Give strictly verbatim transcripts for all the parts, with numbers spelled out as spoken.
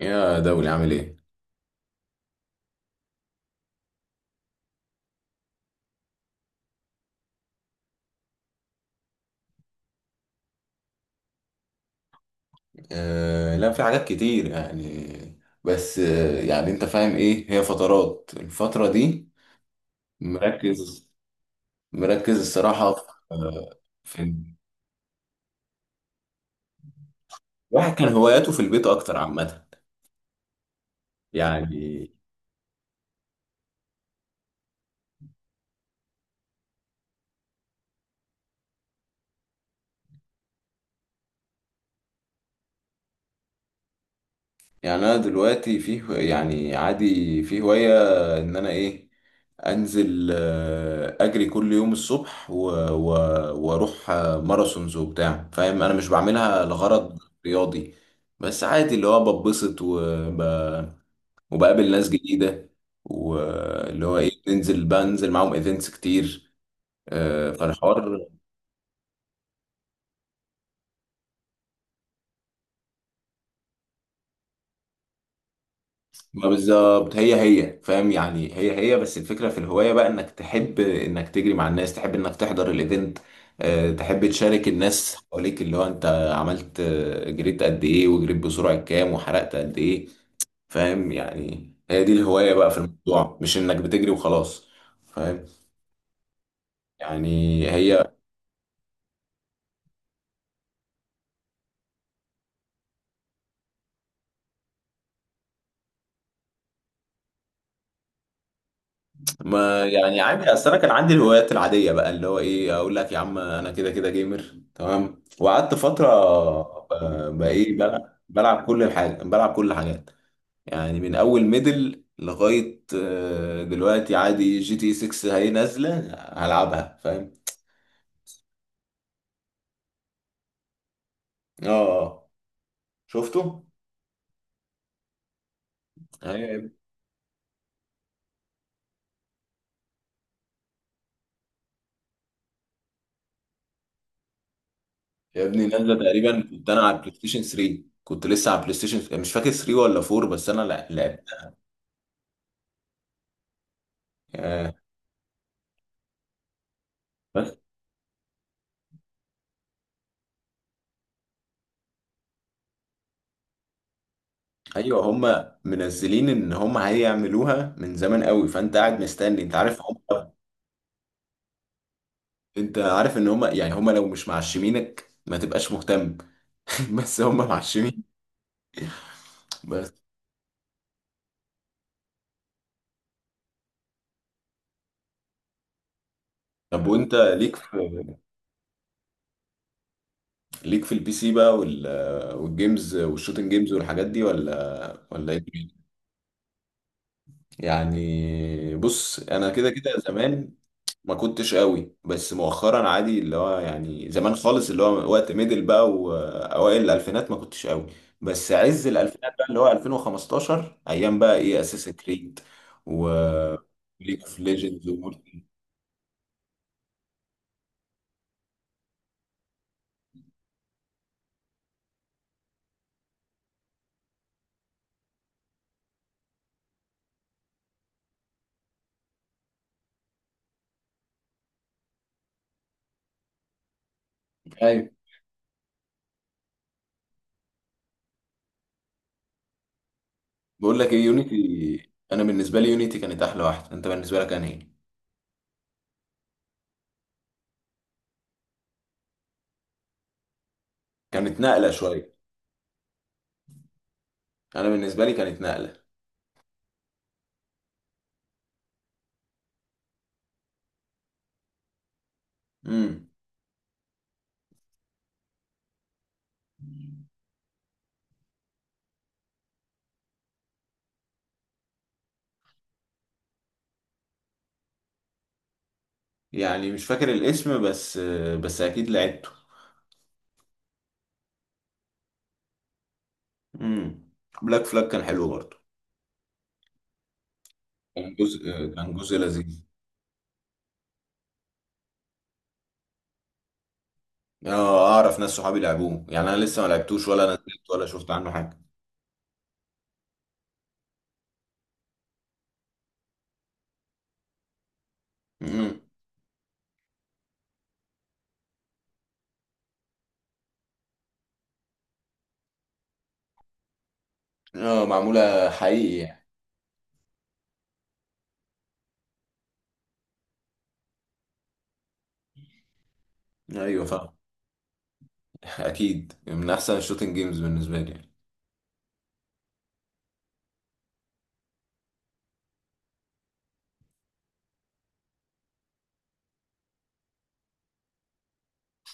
يا دولي عامل ايه؟ آه لا في حاجات كتير يعني. بس آه يعني انت فاهم ايه هي فترات الفترة دي. مركز مركز الصراحة في، آه في الواحد كان هواياته في البيت اكتر عامة. يعني يعني انا دلوقتي في هو- يعني عادي في هواية ان انا ايه. انزل آه، اجري كل يوم الصبح و- و- واروح آه، ماراثونز وبتاع، فاهم انا مش بعملها لغرض رياضي، بس عادي اللي هو ببسط وب... وبقابل ناس جديدة، واللي هو ايه بننزل بنزل معاهم ايفنتس كتير. آه، فالحوار ما بالظبط هي هي فاهم، يعني هي هي بس الفكرة في الهواية بقى انك تحب انك تجري مع الناس، تحب انك تحضر الايفنت. آه، تحب تشارك الناس حواليك اللي هو انت عملت، آه، جريت قد ايه وجريت بسرعة كام وحرقت قد ايه. فاهم يعني هي دي الهواية بقى في الموضوع، مش انك بتجري وخلاص. فاهم يعني هي. ما يعني عادي اصل انا كان عندي الهوايات العاديه بقى اللي هو ايه، اقول لك يا عم انا كده كده جيمر تمام وقعدت فتره. ب- بقى ايه، بلعب بلعب كل حاجه، بلعب كل حاجات. يعني من اول ميدل لغايه آه، دلوقتي عادي جي تي ستة هي نازله هلعبها فاهم. اه آه. شفته. أيوة. يا ابني يا ابني نازله تقريبا، كنت انا على البلاي ستيشن ثلاثة. كنت لسه على البلاي ستيشن مش فاكر ثلاثة ولا أربعة، بس انا لع- لعبت. آه. ايوه هم منزلين ان هم هيعملوها من زمان قوي، فانت قاعد مستني. انت عارف هم، انت عارف ان هم، يعني هم لو مش معشمينك ما تبقاش مهتم. بس هم معشمين بس. طب وانت ليك في، ليك في البي سي بقى وال... والجيمز والشوتنج جيمز والحاجات دي، ولا ولا ايه؟ يعني بص انا كده كده زمان ما كنتش قوي، بس مؤخرا عادي اللي هو يعني زمان خالص اللي هو وقت ميدل بقى واوائل الالفينات ما كنتش قوي. بس عز الالفينات بقى اللي هو الفين وخمستاشر ايام بقى ايه اساس كريد و ليج اوف ليجندز ومورتال. ايوه. بقول لك ايه، يونيتي انا بالنسبه لي يونيتي كانت احلى واحده. انت بالنسبه لك انا ايه؟ كانت نقله شويه. انا بالنسبه لي كانت نقله. امم. يعني مش فاكر الاسم، بس بس اكيد لعبته. امم. بلاك فلاج كان حلو برضه. كان جزء كان جزء لذيذ. اه اعرف ناس صحابي لعبوه، يعني انا لسه ما لعبتوش ولا نزلت ولا شفت عنه حاجه. مم. اه معموله حقيقي يعني. ايوه فاهم. اكيد من احسن الشوتنج جيمز بالنسبه لي يعني.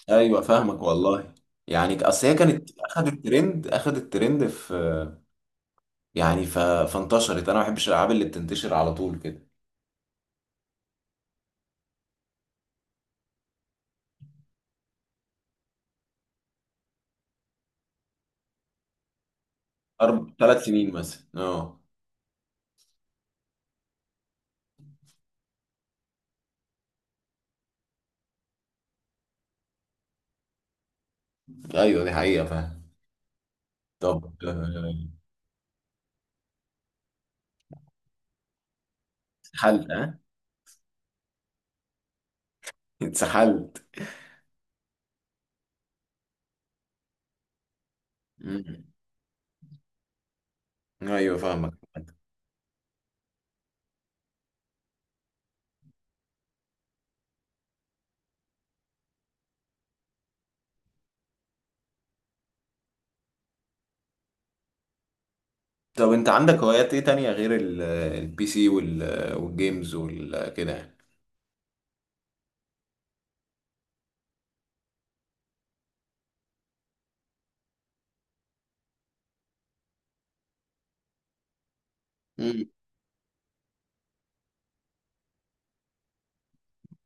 ايوه فاهمك والله. يعني اصل هي كانت اخذت ترند اخذت ترند في، يعني ف... فانتشرت. انا ما بحبش الالعاب اللي بتنتشر على طول كده. اربع ثلاث سنين مثلا اه. ايوه دي حقيقه فاهم. طب آه، اتسحلت ها؟ اتسحلت. مم. ايوه فاهمك. طب انت عندك هوايات ايه تانية غير ال- البي سي وال- والجيمز وكده؟ يعني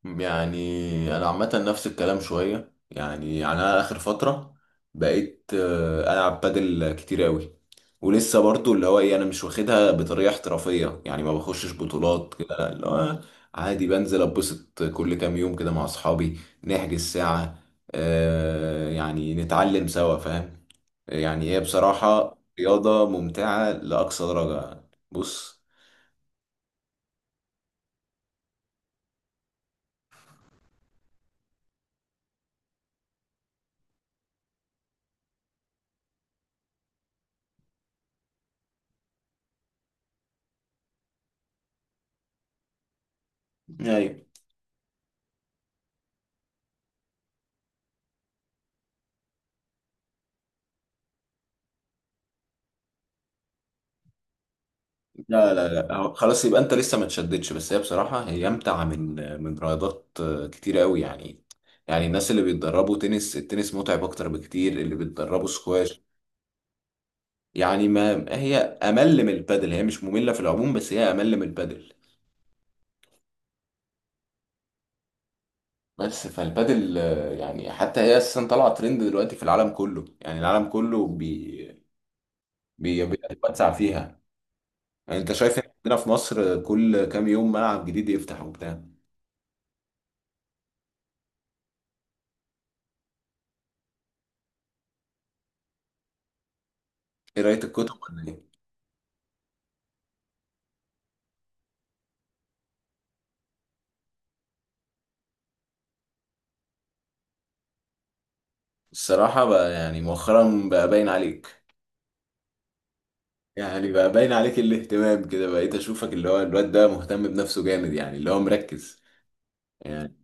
يعني انا عامه نفس الكلام شويه، يعني يعني انا اخر فتره بقيت آه، العب بادل كتير قوي. ولسه برضو اللي هو ايه، انا مش واخدها بطريقه احترافيه يعني، ما بخشش بطولات كده، لا، اللي هو عادي بنزل اتبسط كل كام يوم كده مع اصحابي. نحجز ساعه، آه، يعني نتعلم سوا فاهم. يعني هي بصراحه رياضه ممتعه لاقصى درجه. بص. ايوه. لا لا لا هو- خلاص يبقى انت لسه ما تشددش، بس هي بصراحة هي امتع من من رياضات كتير قوي يعني. يعني الناس اللي بيتدربوا تنس التنس متعب اكتر بكتير، اللي بيتدربوا سكواش. يعني ما هي امل من البادل، هي مش مملة في العموم، بس هي امل من البادل. بس فالبادل آه، يعني حتى هي اساسا طالعة ترند دلوقتي في العالم كله، يعني العالم كله بي بي بيتوسع فيها. يعني انت شايف إن عندنا في مصر كل كام يوم ملعب جديد يفتح وبتاع. ايه، قراية الكتب ولا ايه؟ الصراحة بقى يعني مؤخرا بقى باين عليك، يعني بقى باين عليك الاهتمام كده، بقيت اشوفك اللي هو الواد ده مهتم بنفسه جامد يعني اللي هو مركز يعني.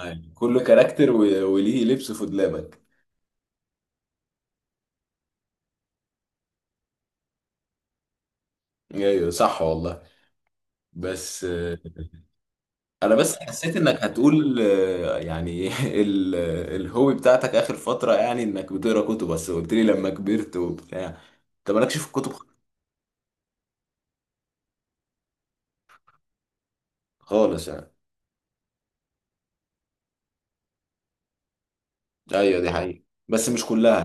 يعني كله كاركتر و- وليه لبس في دولابك. ايوه صح والله. بس آه، انا بس حسيت انك هتقول آه، يعني ال- الهوبي بتاعتك اخر فترة، يعني انك بتقرا كتب، بس قلت لي لما كبرت وبتاع انت مالكش في الكتب خالص يعني. ايوه دي حقيقة بس مش كلها.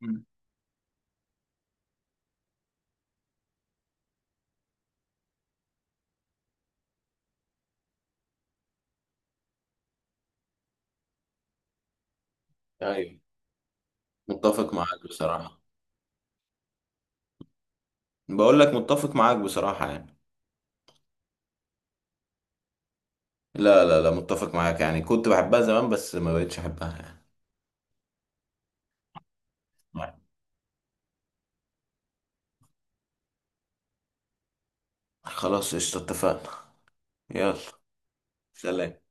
مم. ايوه متفق معاك بصراحة. بقول لك متفق معاك بصراحة يعني. لا لا لا متفق معاك، يعني كنت بحبها زمان بس ما بقتش احبها يعني. خلاص قشطة اتفقنا. يلا. سلام.